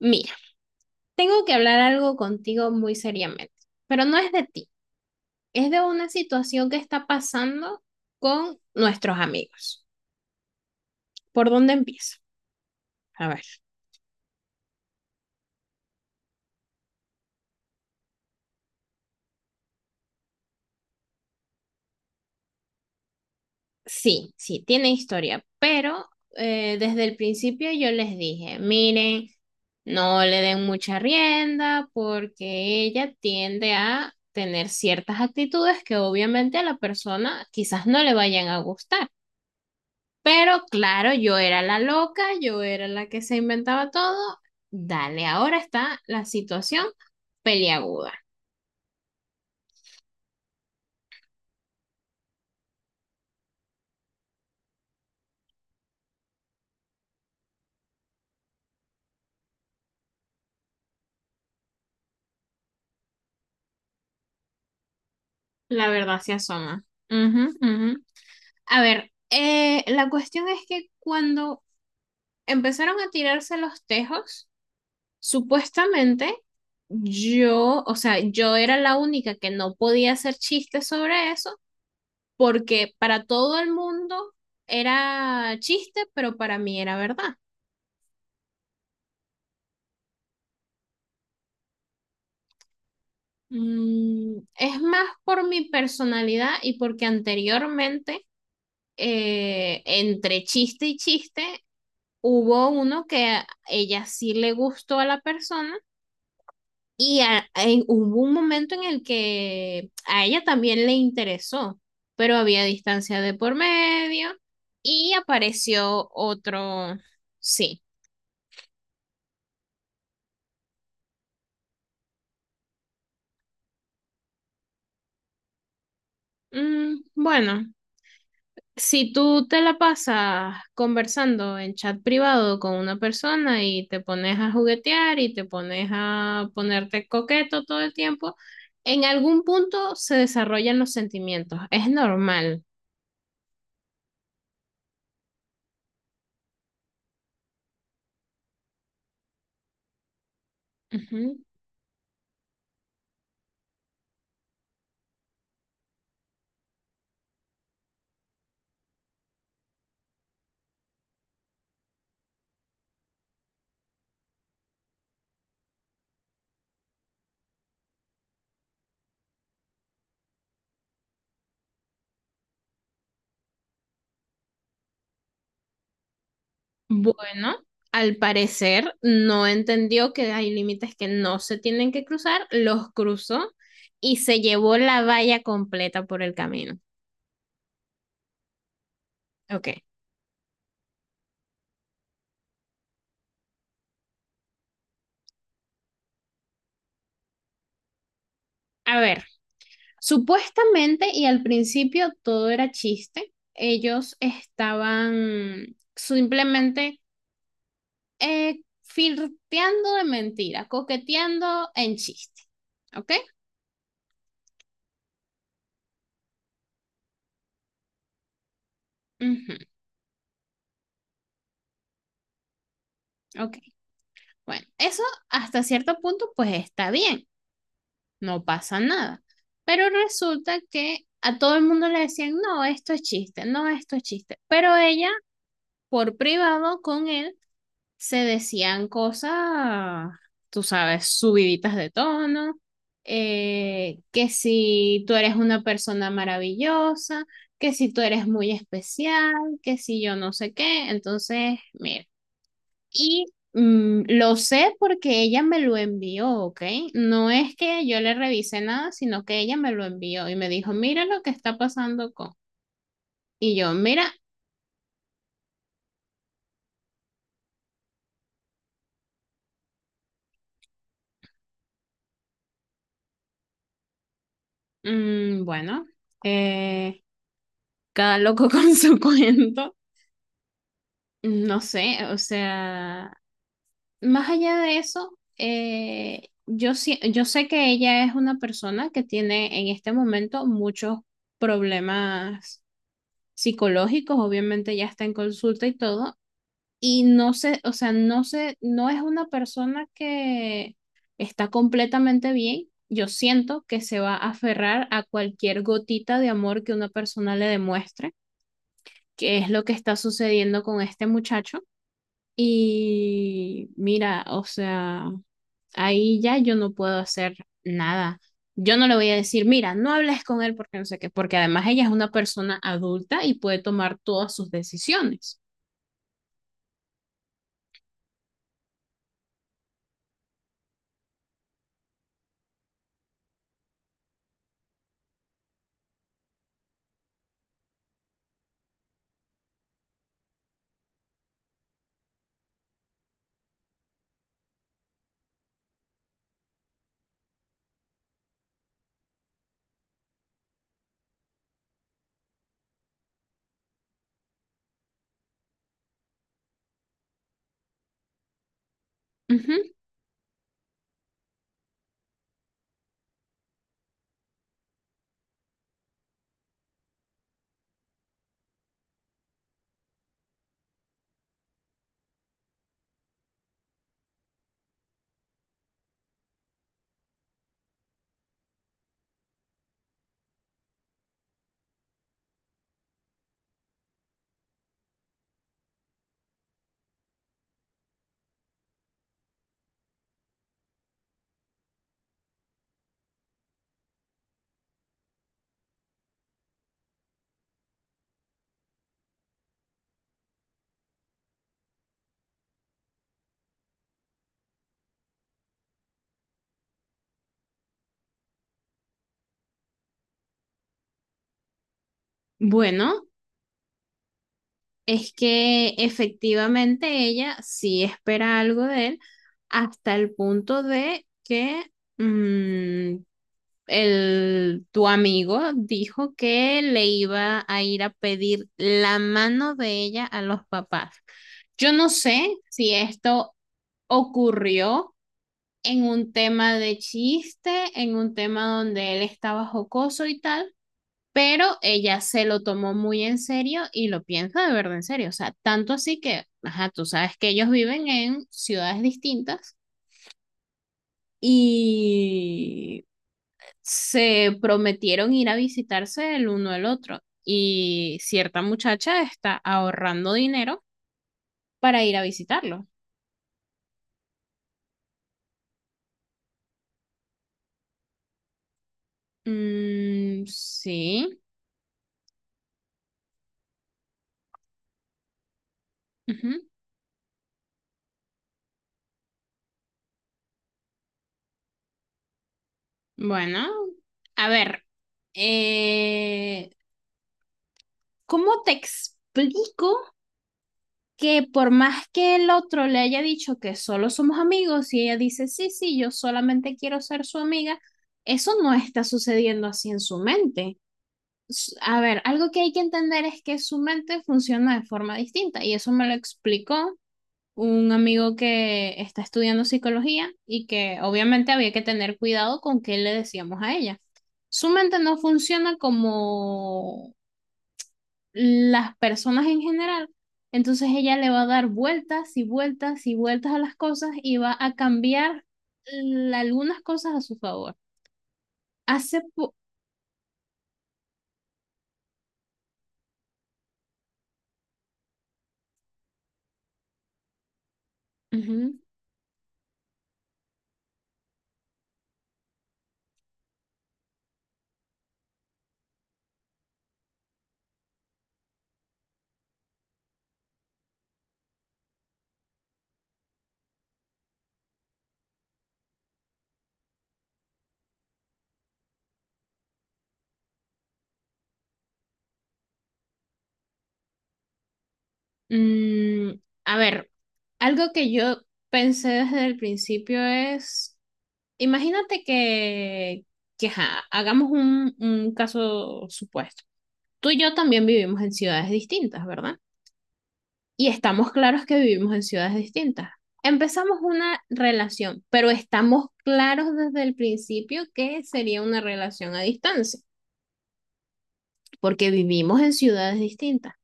Mira, tengo que hablar algo contigo muy seriamente, pero no es de ti, es de una situación que está pasando con nuestros amigos. ¿Por dónde empiezo? A ver. Sí, sí, tiene historia, pero desde el principio yo les dije, miren, no le den mucha rienda porque ella tiende a tener ciertas actitudes que obviamente a la persona quizás no le vayan a gustar. Pero claro, yo era la loca, yo era la que se inventaba todo. Dale, ahora está la situación peliaguda. La verdad se asoma. Ujú, ujú. A ver, la cuestión es que cuando empezaron a tirarse los tejos, supuestamente yo, o sea, yo era la única que no podía hacer chistes sobre eso, porque para todo el mundo era chiste, pero para mí era verdad. Es más por mi personalidad y porque anteriormente, entre chiste y chiste, hubo uno que a ella sí le gustó a la persona y hubo un momento en el que a ella también le interesó, pero había distancia de por medio y apareció otro, sí. Bueno, si tú te la pasas conversando en chat privado con una persona y te pones a juguetear y te pones a ponerte coqueto todo el tiempo, en algún punto se desarrollan los sentimientos. Es normal. Ujú. Bueno, al parecer no entendió que hay límites que no se tienen que cruzar, los cruzó y se llevó la valla completa por el camino. Ok. A ver. Supuestamente, y al principio todo era chiste, ellos estaban simplemente flirteando de mentira, coqueteando en chiste. ¿Ok? Ujú, ok. Bueno, eso hasta cierto punto pues está bien, no pasa nada. Pero resulta que a todo el mundo le decían, no, esto es chiste, no, esto es chiste. Pero ella, por privado con él, se decían cosas, tú sabes, subiditas de tono, que si tú eres una persona maravillosa, que si tú eres muy especial, que si yo no sé qué, entonces, mira, y lo sé porque ella me lo envió, ¿ok? No es que yo le revisé nada, sino que ella me lo envió y me dijo, mira lo que está pasando con... Y yo, mira, bueno, eh, cada loco con su cuento. No sé, o sea, más allá de eso, yo, yo sé que ella es una persona que tiene en este momento muchos problemas psicológicos, obviamente ya está en consulta y todo, y no sé, o sea, no sé, no es una persona que está completamente bien. Yo siento que se va a aferrar a cualquier gotita de amor que una persona le demuestre, que es lo que está sucediendo con este muchacho. Y mira, o sea, ahí ya yo no puedo hacer nada. Yo no le voy a decir, mira, no hables con él porque no sé qué, porque además ella es una persona adulta y puede tomar todas sus decisiones. Ujú. Bueno, es que efectivamente ella sí espera algo de él hasta el punto de que mm, el, tu amigo dijo que le iba a ir a pedir la mano de ella a los papás. Yo no sé si esto ocurrió en un tema de chiste, en un tema donde él estaba jocoso y tal, pero ella se lo tomó muy en serio y lo piensa de verdad en serio. O sea, tanto así que, ajá, tú sabes que ellos viven en ciudades distintas y se prometieron ir a visitarse el uno al otro y cierta muchacha está ahorrando dinero para ir a visitarlo. Mm, sí. Ujú. Bueno, a ver, eh, ¿cómo te explico que por más que el otro le haya dicho que solo somos amigos y ella dice, sí, sí, yo solamente quiero ser su amiga, eso no está sucediendo así en su mente? A ver, algo que hay que entender es que su mente funciona de forma distinta y eso me lo explicó un amigo que está estudiando psicología y que obviamente había que tener cuidado con qué le decíamos a ella. Su mente no funciona como las personas en general, entonces ella le va a dar vueltas y vueltas y vueltas a las cosas y va a cambiar algunas cosas a su favor. Hace po- Ujú. Mm, a ver, algo que yo pensé desde el principio es, imagínate que ajá, hagamos un caso supuesto. Tú y yo también vivimos en ciudades distintas, ¿verdad? Y estamos claros que vivimos en ciudades distintas. Empezamos una relación, pero estamos claros desde el principio que sería una relación a distancia, porque vivimos en ciudades distintas.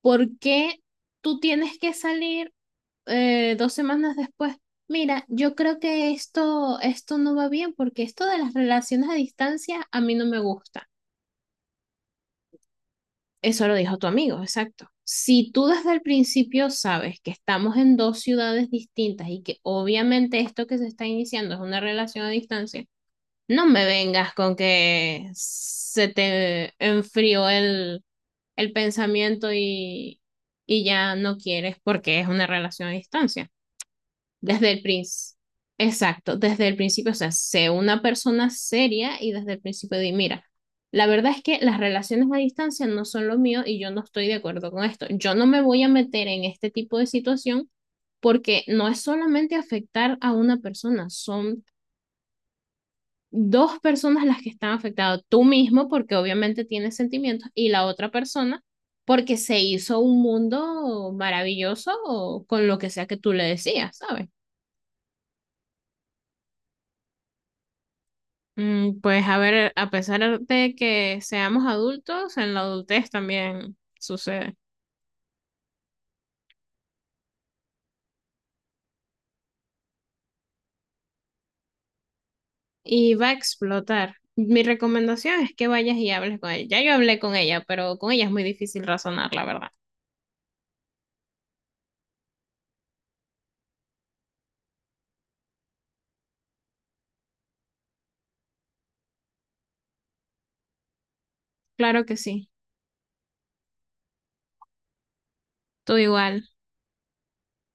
¿Por qué tú tienes que salir 2 semanas después, mira, yo creo que esto no va bien porque esto de las relaciones a distancia a mí no me gusta. Eso lo dijo tu amigo, exacto. Si tú desde el principio sabes que estamos en 2 ciudades distintas y que obviamente esto que se está iniciando es una relación a distancia, no me vengas con que se te enfrió el pensamiento y ya no quieres porque es una relación a distancia. Desde el principio. Exacto, desde el principio, o sea, sé una persona seria y desde el principio di, mira, la verdad es que las relaciones a distancia no son lo mío y yo no estoy de acuerdo con esto. Yo no me voy a meter en este tipo de situación porque no es solamente afectar a una persona, son 2 personas las que están afectadas, tú mismo porque obviamente tienes sentimientos y la otra persona porque se hizo un mundo maravilloso con lo que sea que tú le decías, ¿sabes? Mm, pues a ver, a pesar de que seamos adultos, en la adultez también sucede. Y va a explotar. Mi recomendación es que vayas y hables con ella. Ya yo hablé con ella, pero con ella es muy difícil razonar, la verdad. Claro que sí. Tú igual.